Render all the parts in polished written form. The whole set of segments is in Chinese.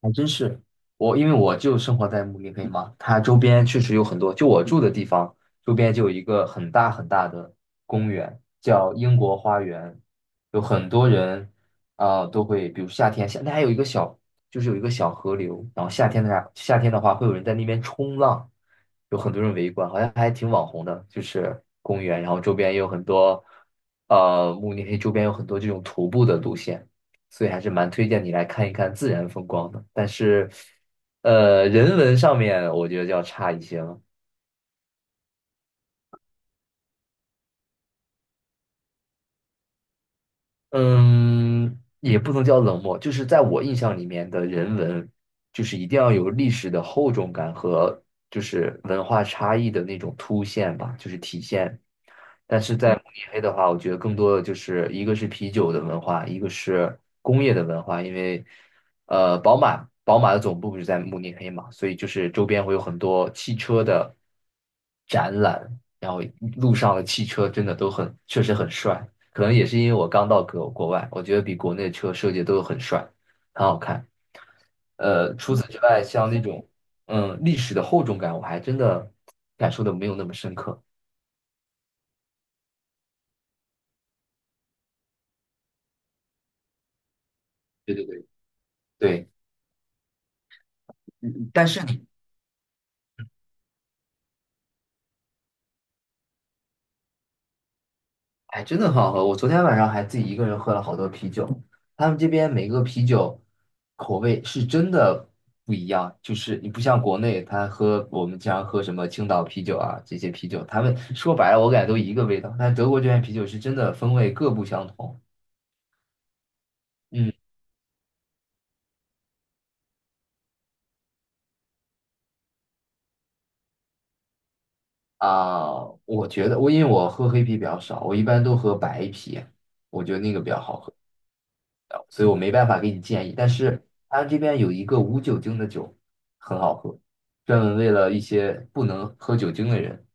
还真是，我因为我就生活在慕尼黑嘛，它周边确实有很多，就我住的地方周边就有一个很大很大的公园，叫英国花园，有很多人啊、都会，比如夏天，夏那还有一个小，就是有一个小河流，然后夏天的话会有人在那边冲浪，有很多人围观，好像还挺网红的，就是公园，然后周边也有很多，慕尼黑周边有很多这种徒步的路线。所以还是蛮推荐你来看一看自然风光的。但是，人文上面我觉得就要差一些了。嗯，也不能叫冷漠，就是在我印象里面的人文，就是一定要有历史的厚重感和就是文化差异的那种凸显吧，就是体现。但是在慕尼黑的话，我觉得更多的就是一个是啤酒的文化，一个是工业的文化，因为宝马的总部不是在慕尼黑嘛，所以就是周边会有很多汽车的展览，然后路上的汽车真的都很，确实很帅。可能也是因为我刚到国外，我觉得比国内车设计都很帅，很好看。除此之外，像那种嗯历史的厚重感，我还真的感受的没有那么深刻。对对对，但是你哎，真的很好喝。我昨天晚上还自己一个人喝了好多啤酒，他们这边每个啤酒口味是真的不一样，就是你不像国内，他喝我们经常喝什么青岛啤酒啊这些啤酒，他们说白了我感觉都一个味道，但德国这边啤酒是真的风味各不相同。嗯啊、我觉得因为我喝黑啤比较少，我一般都喝白啤，我觉得那个比较好喝的，所以我没办法给你建议。但是他这边有一个无酒精的酒，很好喝，专门为了一些不能喝酒精的人，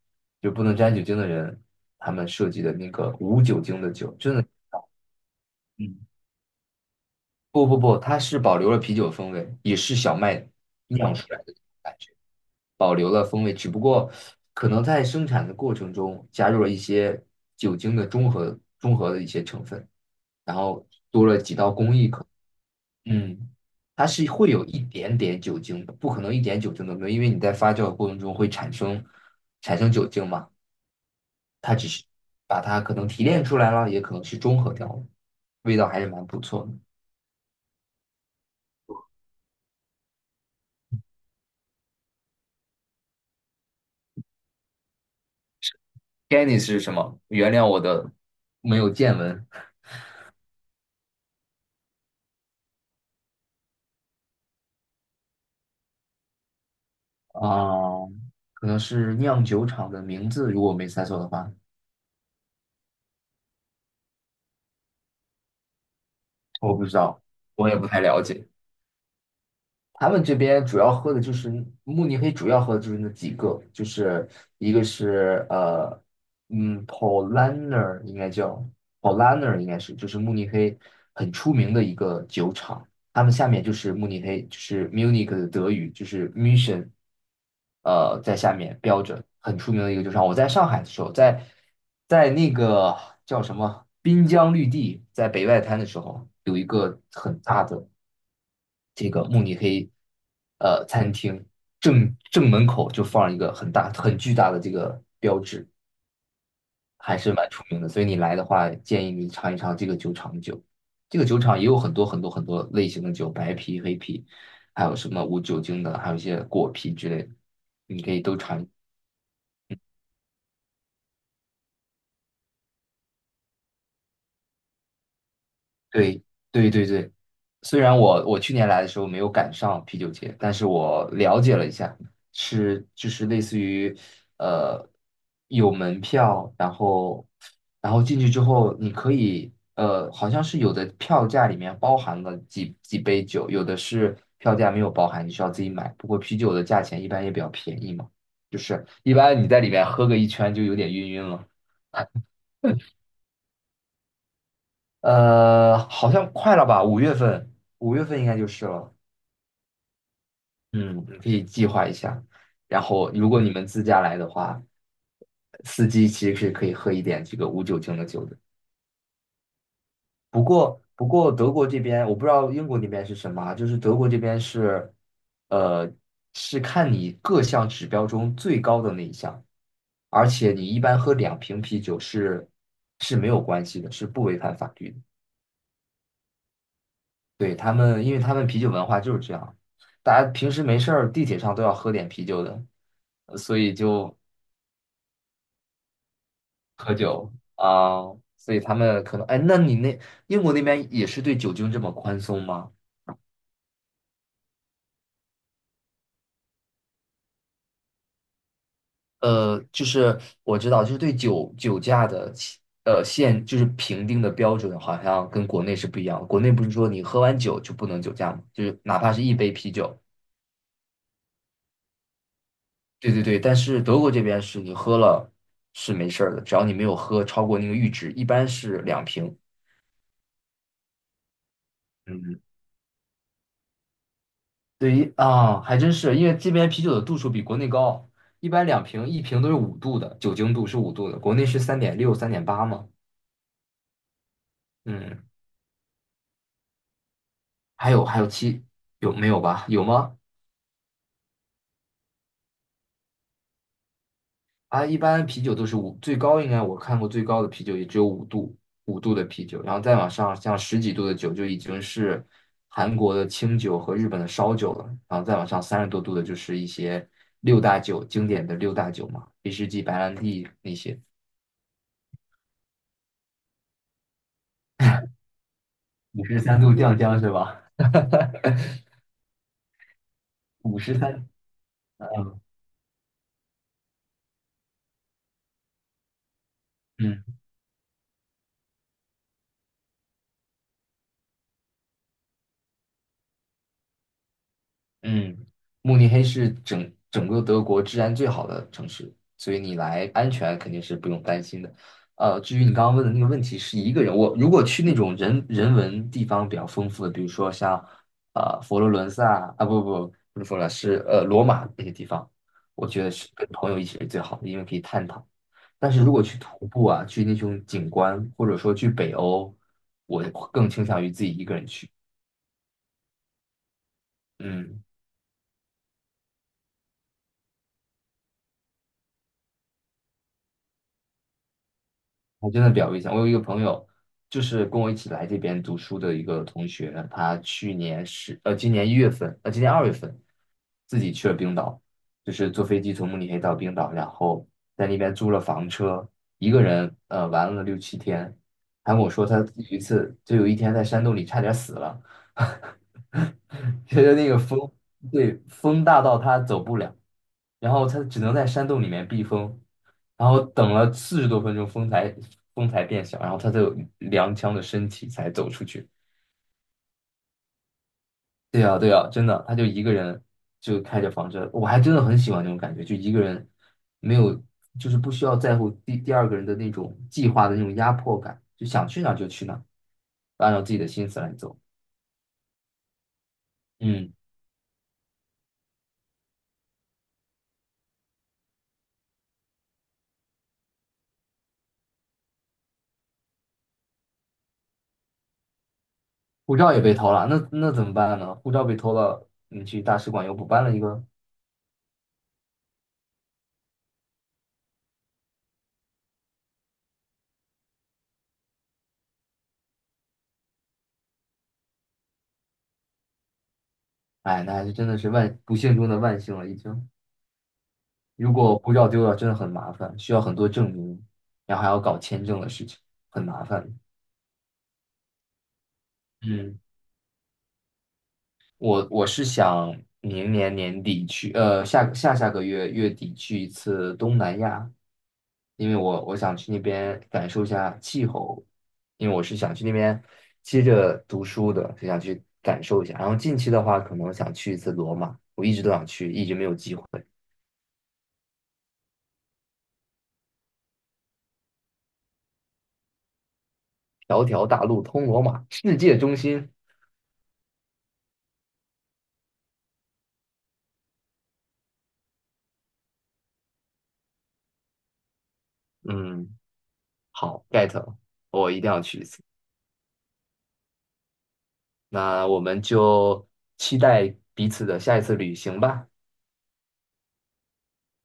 就不能沾酒精的人，他们设计的那个无酒精的酒，真的嗯，不不不，它是保留了啤酒的风味，也是小麦酿出来的感觉。保留了风味，只不过可能在生产的过程中加入了一些酒精的中和的一些成分，然后嗯，它是会有一点点酒精的，不可能一点酒精都没有，因为你在发酵的过程中会产生酒精嘛，它只是把它可能提炼出来了，也可能是中和掉了，味道还是蛮不错的。GANNS 是什么？原谅我的没有见闻啊，可能是酿酒厂的名字，如果我没猜错的话。我不知道，我也不太了解。他们这边主要喝的就是慕尼黑，主要喝的就是那几个，就是一个是嗯，Paulaner 应该叫 Paulaner 应该是就是慕尼黑很出名的一个酒厂，他们下面就是慕尼黑，就是 Munich 的德语就是 Mission,在下面标着很出名的一个酒厂。我在上海的时候，在那个叫什么滨江绿地，在北外滩的时候，有一个很大的。这个慕尼黑餐厅正门口就放一个很大很巨大的这个，还是蛮出名的。所以你来的话，建议你尝一尝这个酒厂的酒。这个酒厂也有很多类型的酒，白啤、黑啤，还有什么无酒精的，还有一些果啤之类的，你可以都尝。对对对对，虽然我去年来的时候没有赶上啤酒节，但是我了解了一下，是就是类似于呃有门票，然后然后进去之后你可以好像是有的票价里面包含了几杯酒，有的是票价没有包含，你需要自己买。不过啤酒的价钱一般也比较便宜嘛，就是一般你在里面喝个一圈就有点晕晕了。好像快了吧？五月份，五月份应该就是了。嗯，你可以计划一下。然后，如果你们自驾来的话，司机其实是可以喝一点这个无酒精的酒的。不过,德国这边我不知道英国那边是什么啊，就是德国这边是，呃，是看你各项指标中最高的那一项，而且你一般喝两瓶啤酒是没有关系的，是不违反法律的。对，他们，因为他们啤酒文化就是这样，大家平时没事儿地铁上都要喝点啤酒的，所以就喝酒啊，所以他们可能，哎，那你英国那边也是对酒精这么宽松吗？就是我知道，就是对酒驾的起限，就是评定的标准好像跟国内是不一样的。国内不是说你喝完酒就不能酒驾吗？就是哪怕是一杯啤酒，对对对，但是德国这边是你喝了是没事儿的，只要你没有喝超过那个阈值，一般是两瓶。嗯，对于啊，还真是，因为这边啤酒的度数比国内高，一般两瓶，一瓶都是五度的，酒精度是五度的，国内是三点六、三点八嘛。嗯，还有七，有没有吧？有吗？啊，一般啤酒都是五，最高应该我看过最高的啤酒也只有五度，五度的啤酒，然后再往上像十几度的酒就已经是韩国的清酒和日本的烧酒了，然后再往上三十多度的就是一些六大酒，经典的六大酒嘛，威士忌、白兰地那些，五十三度酱香是吧？五十三，嗯嗯，慕尼黑是整整个德国治安最好的城市，所以你来安全肯定是不用担心的。至于你刚刚问的那个问题，是一个人，我如果去那种人文地方比较丰富的，比如说像佛罗伦萨啊，不是佛罗伦萨，是罗马那些地方，我觉得是跟朋友一起是最好的，因为可以探讨。但是如果去徒步啊，去那种景观，或者说去北欧，我更倾向于自己一个人去。嗯。还真的表一下，我有一个朋友，就是跟我一起来这边读书的一个同学，他去年是今年一月份，今年二月份自己去了冰岛，就是坐飞机从慕尼黑到冰岛，然后在那边租了房车，一个人玩了六七天，还跟我说他有一次就有一天在山洞里差点死了，觉得那个风对风大到他走不了，然后他只能在山洞里面避风，然后等了四十多分钟，风才变小，然后他才有踉跄的身体才走出去。对呀，对呀，真的，他就一个人就开着房车，我还真的很喜欢这种感觉，就一个人没有，就是不需要在乎第二个人的那种计划的那种压迫感，就想去哪儿就去哪儿按照自己的心思来走。嗯，护照也被偷了，那怎么办呢？护照被偷了，你去大使馆又补办了一个，哎，那还是真的是万不幸中的万幸了，已经。如果护照丢了，真的很麻烦，需要很多证明，然后还要搞签证的事情，很麻烦。嗯，我是想明年年底去，下个月月底去一次东南亚，因为我想去那边感受一下气候，因为我是想去那边接着读书的，就想去感受一下。然后近期的话，可能想去一次罗马，我一直都想去，一直没有机会。条条大路通罗马，世界中心。嗯。好，get 了，我一定要去一次。那我们就期待彼此的下一次旅行吧。